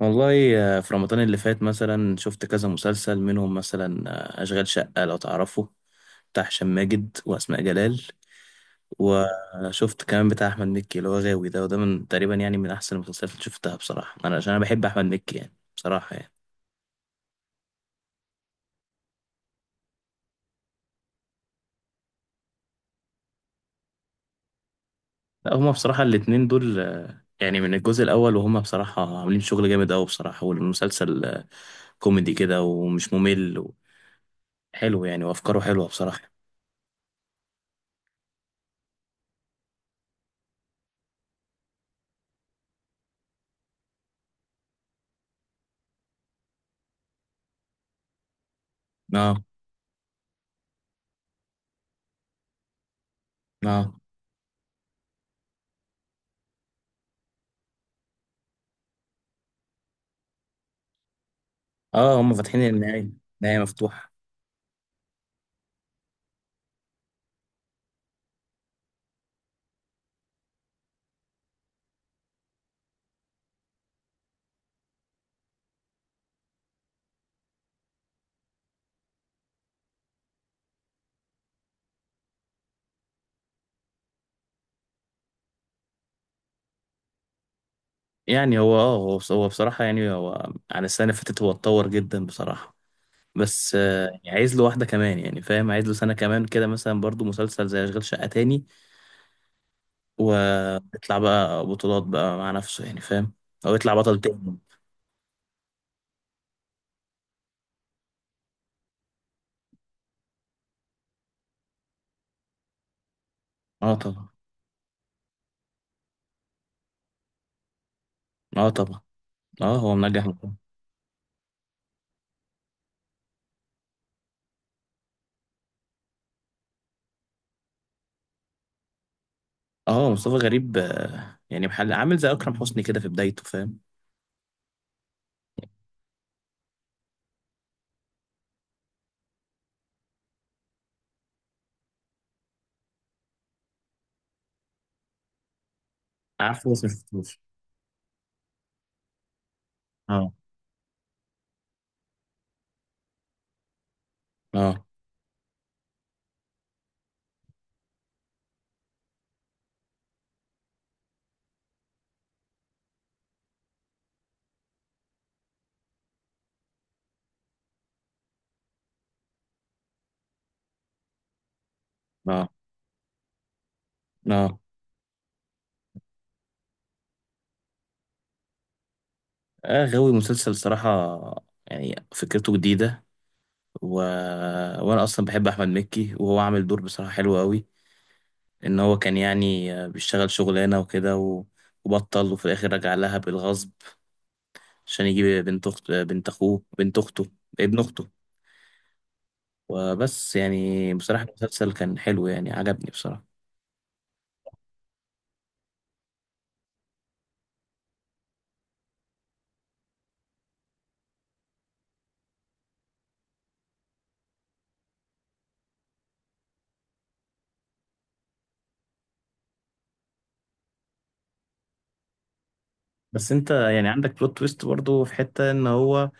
والله، في رمضان اللي فات مثلا شفت كذا مسلسل منهم، مثلا أشغال شقة، لو تعرفه، بتاع هشام ماجد وأسماء جلال. وشفت كمان بتاع أحمد مكي اللي هو غاوي. ده وده من تقريبا يعني من أحسن المسلسلات اللي شفتها بصراحة، أنا عشان أنا بحب أحمد مكي يعني، بصراحة يعني. لا، هما بصراحة الاتنين دول يعني من الجزء الأول، وهما بصراحة عاملين شغل جامد أوي بصراحة. والمسلسل كوميدي كده ومش ممل، وحلو يعني، وأفكاره حلوة بصراحة. اه، اه، اه، هما فاتحين النهاية. النهاية مفتوحة. يعني هو بصراحة، يعني هو عن السنة اللي فاتت هو اتطور جدا بصراحة. بس يعني عايز له واحدة كمان، يعني فاهم؟ عايز له سنة كمان كده مثلا، برضو مسلسل زي أشغال شقة تاني. ويطلع بقى بطولات بقى مع نفسه، يعني فاهم؟ أو يطلع بطل تاني. اه طبعا. اه طبعا. اه، هو منجح مكان. اه، مصطفى غريب يعني محل، عامل زي أكرم حسني كده في بدايته، فاهم؟ عارفه بس مشفتوش. اه. اه. اه. اه. غاوي مسلسل صراحة، يعني فكرته جديدة. و... وانا اصلا بحب احمد مكي، وهو عامل دور بصراحة حلو قوي. ان هو كان يعني بيشتغل شغلانة وكده، وبطل، وفي الاخر رجع لها بالغصب، عشان يجيب بنت اخت بنت اخوه بنت اخته ابن اخته. وبس يعني، بصراحة المسلسل كان حلو، يعني عجبني بصراحة. بس انت يعني عندك بلوت تويست برضو، في حتة ان هو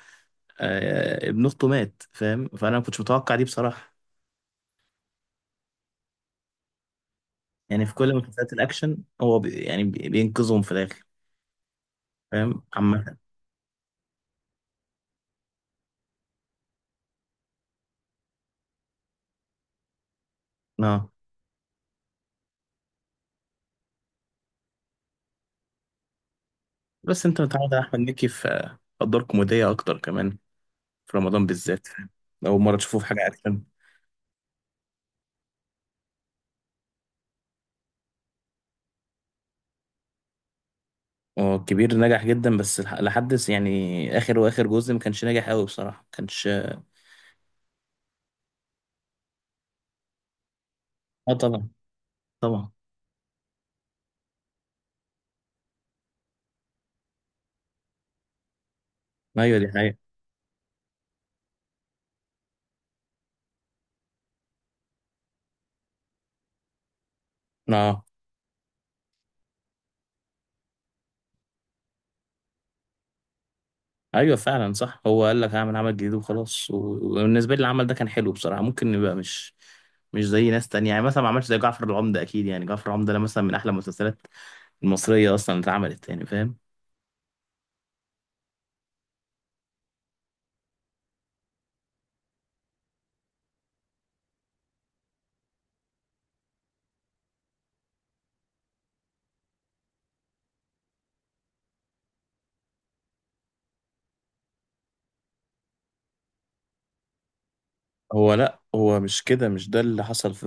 ابن اخته مات، فاهم؟ فانا ما كنتش متوقع دي بصراحة. يعني في كل مسلسلات الاكشن هو بينقذهم في الاخر، فاهم؟ عامة. اه، بس انت متعود على احمد مكي في ادوار كوميديه اكتر كمان، في رمضان بالذات، فاهم؟ اول مره تشوفه في حاجه اكشن. هو الكبير نجح جدا، بس لحد يعني اخر واخر جزء ما كانش ناجح قوي بصراحه، ما كانش. اه طبعا. طبعا. ايوه، دي حقيقه. اه ايوه، فعلا صح، هو قال لك هعمل عمل جديد وخلاص. وبالنسبه لي العمل ده كان حلو بصراحه، ممكن يبقى مش زي ناس تانية يعني، مثلا ما عملش زي جعفر العمدة أكيد، يعني جعفر العمدة ده مثلا من أحلى المسلسلات المصرية أصلا اللي اتعملت، يعني فاهم؟ هو لا، هو مش كده، مش ده اللي حصل في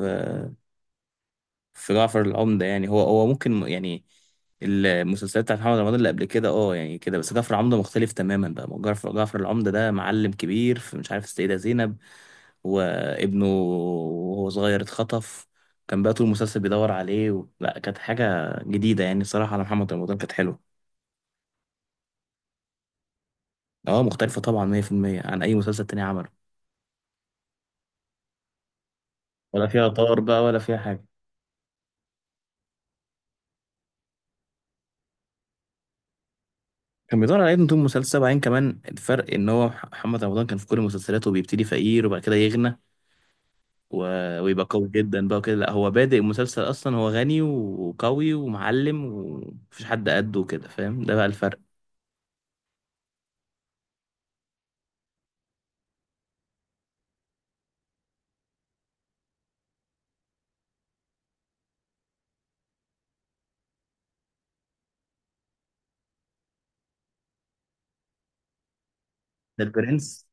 في جعفر العمدة، يعني هو ممكن يعني المسلسلات بتاعت محمد رمضان اللي قبل كده، يعني كده، بس جعفر العمدة مختلف تماما بقى. جعفر العمدة ده معلم كبير في مش عارف السيدة زينب، وابنه وهو صغير اتخطف. كان بقى طول المسلسل بيدور عليه، لا، كانت حاجة جديدة يعني صراحة على محمد رمضان، كانت حلوة. اه مختلفة طبعا، 100% عن أي مسلسل تاني عمله. ولا فيها طار بقى، ولا فيها حاجة. كان بيدور على ابنه طول المسلسل، بعدين كمان الفرق إن هو محمد رمضان كان في كل مسلسلاته بيبتدي فقير، وبعد كده يغنى، و... ويبقى قوي جدا بقى كده. لا، هو بادئ المسلسل اصلا هو غني وقوي ومعلم، ومفيش حد قده كده، فاهم؟ ده بقى الفرق. ده البرنس،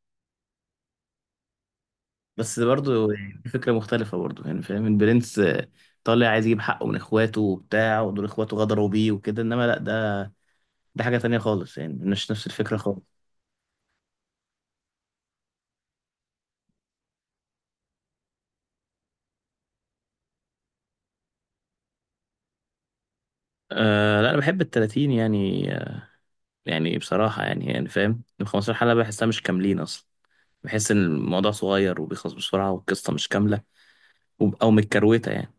بس برضه يعني فكرة مختلفة برضه، يعني فاهم؟ البرنس طالع عايز يجيب حقه من اخواته وبتاع، ودول اخواته غدروا بيه وكده، انما لا، ده حاجة تانية خالص، يعني مش نفس الفكرة خالص. أه لا، انا بحب التلاتين يعني يعني بصراحة يعني فاهم؟ ال 15 حلقة بحسها مش كاملين اصلا، بحس ان الموضوع صغير وبيخلص بسرعة والقصة مش كاملة، او متكروتة يعني.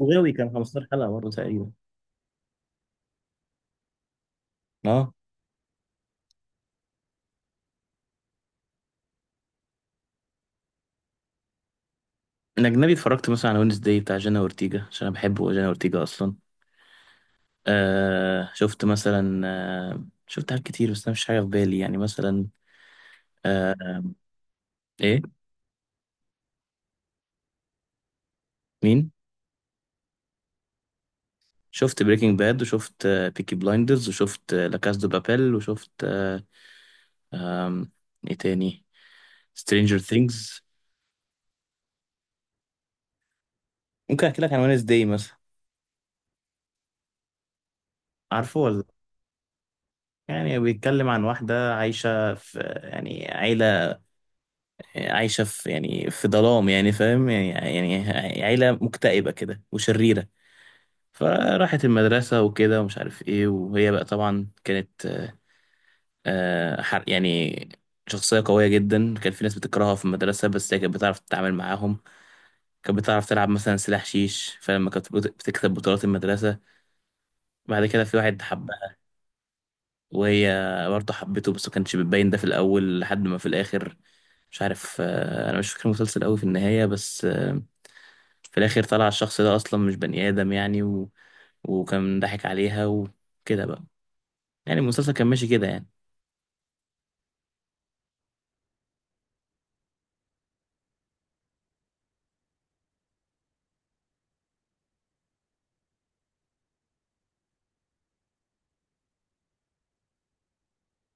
وغاوي كان 15 حلقة برضه تقريبا. اه. الأجنبي اتفرجت مثلا على وينز داي بتاع جينا أورتيجا، عشان أنا بحب جينا أورتيجا أصلا. شفت مثلا شفت حاجات كتير، بس أنا مش حاجة في بالي يعني، مثلا آه إيه؟ مين؟ شفت بريكنج باد، وشفت بيكي بلايندرز، وشفت لا كاس دو بابيل، وشفت آه آم، إيه تاني؟ سترينجر ثينجز. ممكن أحكي لك عن وينز داي مثلا. عارفه ولا؟ يعني بيتكلم عن واحدة عايشة في يعني عيلة، عايشة في يعني في ظلام، يعني فاهم؟ يعني يعني عيلة مكتئبة كده وشريرة. فراحت المدرسة وكده، ومش عارف ايه. وهي بقى طبعا كانت حر يعني، شخصية قوية جدا. كان في ناس بتكرهها في المدرسة، بس هي كانت بتعرف تتعامل معاهم. كانت بتعرف تلعب مثلا سلاح شيش، فلما كانت بتكسب بطولات المدرسة. بعد كده في واحد حبها، وهي برضه حبته، بس ما كانش بتبين ده في الأول لحد ما في الآخر. مش عارف أنا مش فاكر المسلسل أوي في النهاية، بس في الاخر طلع الشخص ده اصلا مش بني ادم يعني، وكان ضحك عليها وكده بقى. يعني المسلسل كان ماشي كده يعني.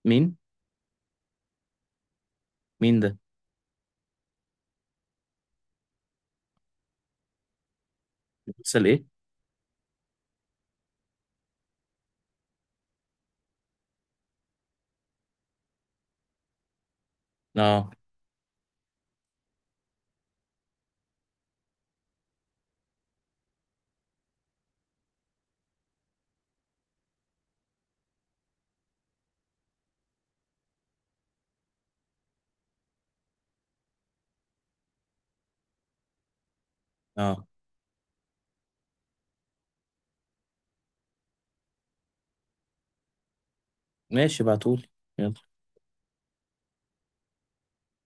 مين؟ مين ده؟ مسلسل ايه؟ اه. اه. ماشي، بعتولي. يلا.